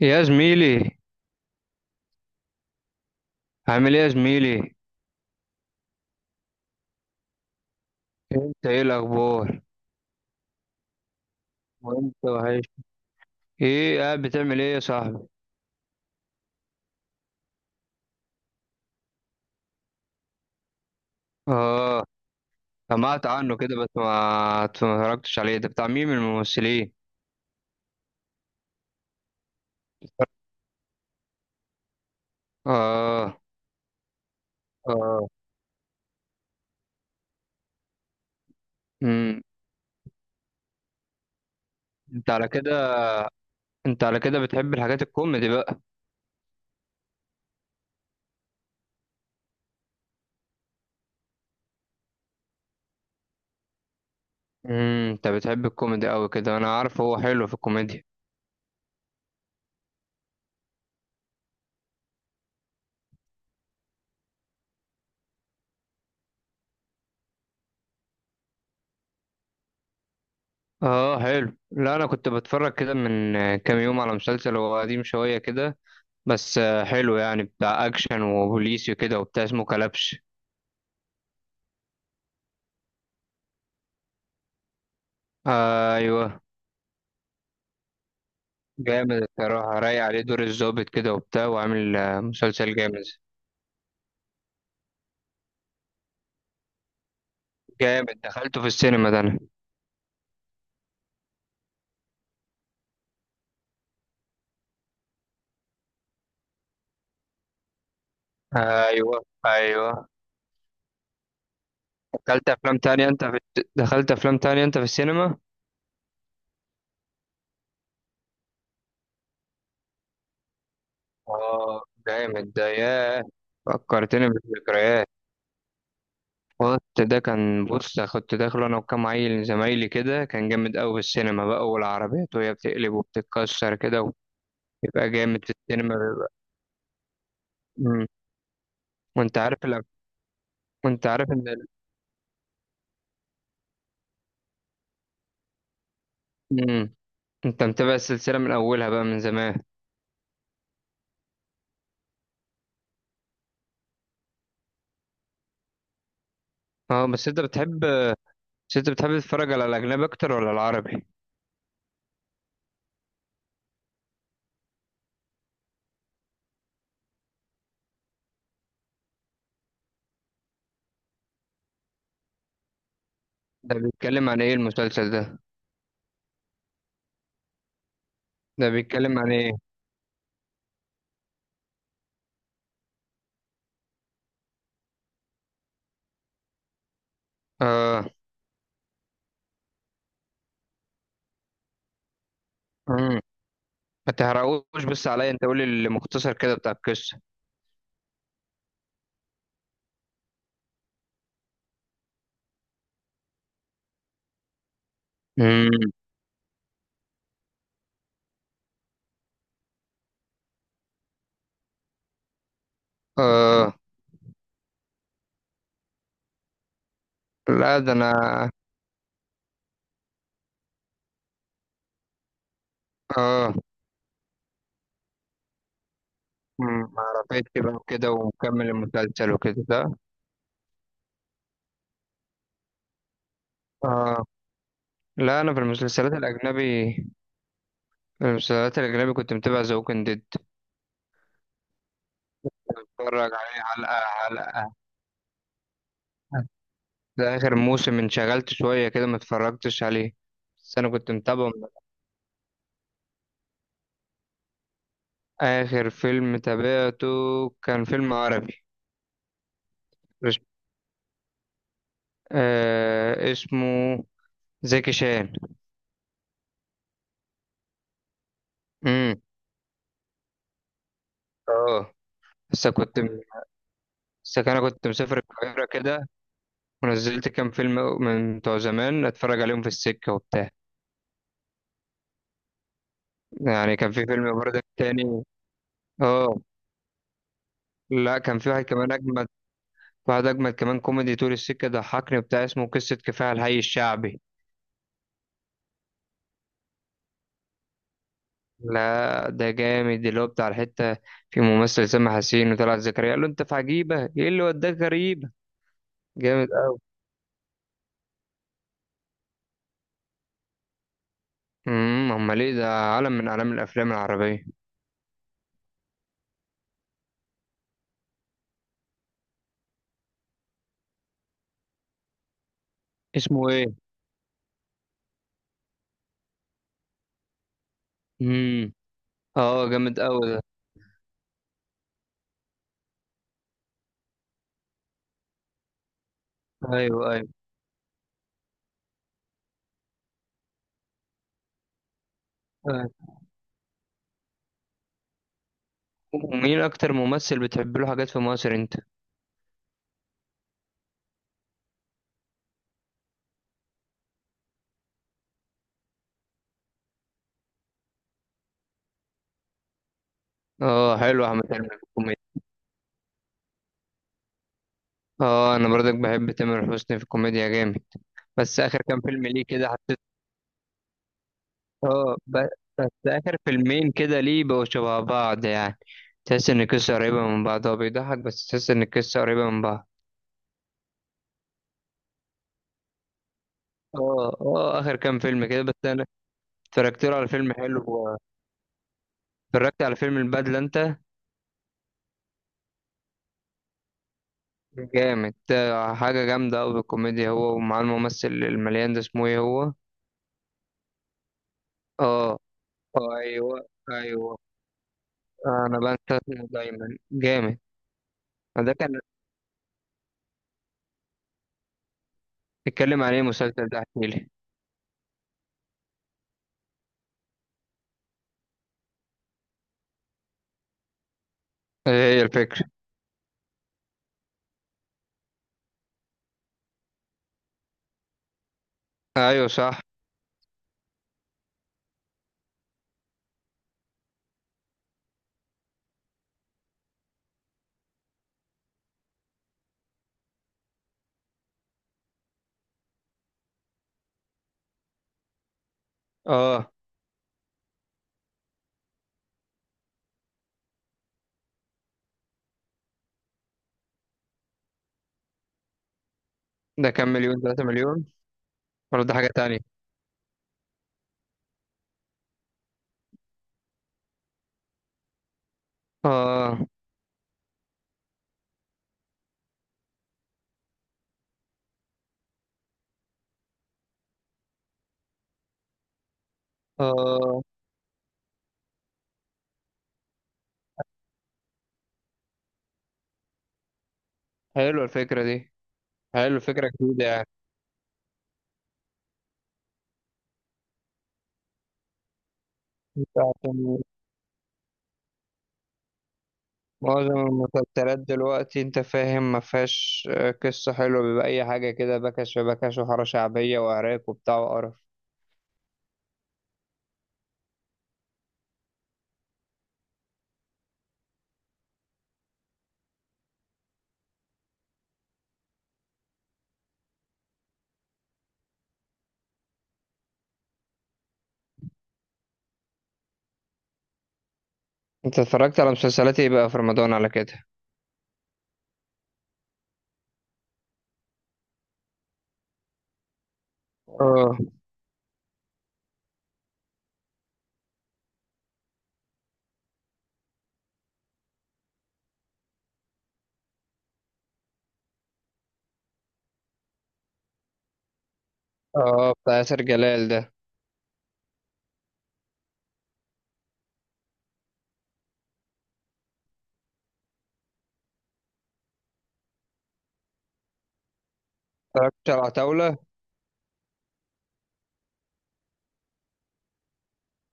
يا زميلي، عامل ايه يا زميلي؟ انت ايه الاخبار؟ وانت وحش. ايه قاعد بتعمل ايه يا صاحبي؟ اه. سمعت عنه كده بس ما اتفرجتش عليه، ده بتاع مين من الممثلين؟ اه. اه. امم. انت على كده، انت على كده بتحب الحاجات الكوميدي بقى. امم، انت بتحب الكوميدي قوي كده، انا عارف هو حلو في الكوميديا. اه حلو. لا انا كنت بتفرج كده من كام يوم على مسلسل هو قديم شوية كده، بس حلو يعني، بتاع اكشن وبوليسي وكده وبتاع، اسمه كلبش. آه ايوه، جامد الصراحه، رايق عليه دور الضابط كده وبتاع وعامل، مسلسل جامد. جامد، دخلته في السينما ده انا. ايوه ايوه. دخلت افلام تانية انت في... دخلت افلام تانية انت في السينما؟ اه جامد ده، ياه فكرتني بالذكريات. كنت، ده كان، بص كنت داخله انا وكام عيل زمايلي كده، كان جامد قوي في السينما بقى والعربيات وهي بتقلب وبتتكسر كده. يبقى جامد في السينما بيبقى. مم. وانت عارف الأف... وانت عارف ان ال... مم. انت متابع السلسلة من اولها بقى من زمان؟ اه. بس انت بتحب، بس انت بتحب تتفرج على الاجنبي اكتر ولا العربي؟ ده بيتكلم عن ايه المسلسل ده؟ ده بيتكلم عن ايه؟ اه. مم. ما تحرقوش بس عليا، انت قولي المختصر كده بتاع القصة. مم. اه. لا ده انا. اه. مم. عرفت بقى كده ومكمل المسلسل وكده ده. اه، لا انا في المسلسلات الاجنبي، المسلسلات الأجنبي كنت متابع ذا ووكينج ديد. بتفرج عليه حلقة حلقة، ده آخر موسم انشغلت شوية كده ما اتفرجتش عليه، بس أنا كنت متابعه من... آخر فيلم تابعته كان فيلم عربي. مش- آه اسمه زكي شان. امم. اه. بس كنت، بس أنا كنت مسافر القاهرة كده ونزلت كام فيلم من بتوع زمان أتفرج عليهم في السكة وبتاع. يعني كان في فيلم برضه تاني. اه لا، كان في واحد كمان أجمد، بعد أجمل كمان، كوميدي طول السكة ضحكني بتاع، اسمه قصة كفاح الحي الشعبي. لا ده جامد، اللي هو بتاع الحتة، في ممثل سامح حسين وطلعت زكريا قال له أنت في عجيبة، إيه اللي وداك غريبة. جامد أوي. أمم، أمال إيه، ده عالم من أعلام الأفلام العربية. اسمه إيه؟ أمم. أه جامد أوي ده. أيوه أيوه. أيوه. ومين أكتر ممثل بتحب له حاجات في مصر أنت؟ أه حلو، أحمد حلمي في الكوميديا. أه، أنا برضك بحب تامر حسني في الكوميديا جامد. بس آخر كام فيلم ليه كده، اه ب- بس آخر فيلمين كده ليه بقوا شبه بعض يعني؟ تحس إن القصة قريبة من بعض، هو بيضحك بس تحس إن القصة قريبة من بعض. اه اه، آخر كام فيلم كده بس أنا اتفرجت له على فيلم حلو، اتفرجت على فيلم البدلة أنت؟ جامد، ده حاجة جامدة أوي بالكوميديا، هو ومعاه الممثل المليان ده اسمه إيه هو؟ اه. اه أيوه أيوه. أنا بنسى اسمه دايما. جامد ده كان. اتكلم عليه مسلسل ده، احكيلي. إيه هي الفكرة؟ أيوه صح. اه. ده كام مليون؟ تلاتة مليون ولا ده حاجة تانية؟ اه. اه. حلوة الفكرة دي، حلوة الفكرة، جديدة يعني. انت عشان معظم المسلسلات دلوقتي انت فاهم ما فيهاش قصة حلوة، بيبقى أي حاجة كده، بكش في بكش وحارة شعبية وعراك وبتاع وقرف. انت اتفرجت على مسلسلات ايه بقى في رمضان على كده؟ اه. اه بتاع ياسر جلال ده. اتفرجت على عتاولة؟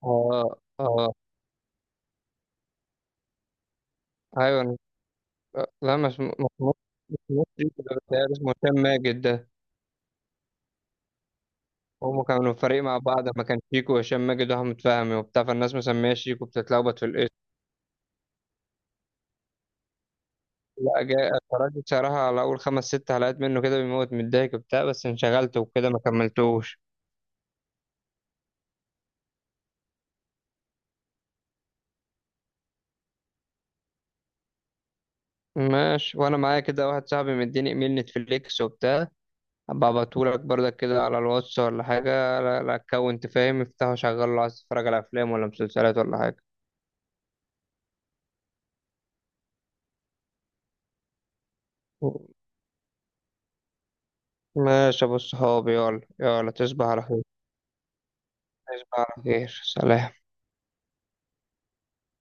اه. اه ايوه. لا مش مش- اسمه هشام ماجد ده. هم كانوا فريق مع بعض، ما كان شيكو وهشام ماجد واحمد فهمي وبتاع، فالناس مسميه شيكو، بتتلخبط في الاسم. لا جاي، اتفرجت بصراحة على أول 5 6 حلقات منه كده، بيموت من الضحك وبتاع، بس انشغلت وكده ما كملتوش. ماشي، وأنا معايا كده واحد صاحبي مديني إيميل نتفليكس وبتاع، أبقى أبعتهولك برضك كده على الواتس ولا حاجة. لا أكونت، فاهم، افتحه شغله لو عايز تتفرج على أفلام ولا مسلسلات ولا حاجة. ماشي يا أبو الصحاب، يلا يلا، تصبح على خير. تصبح على خير، سلام.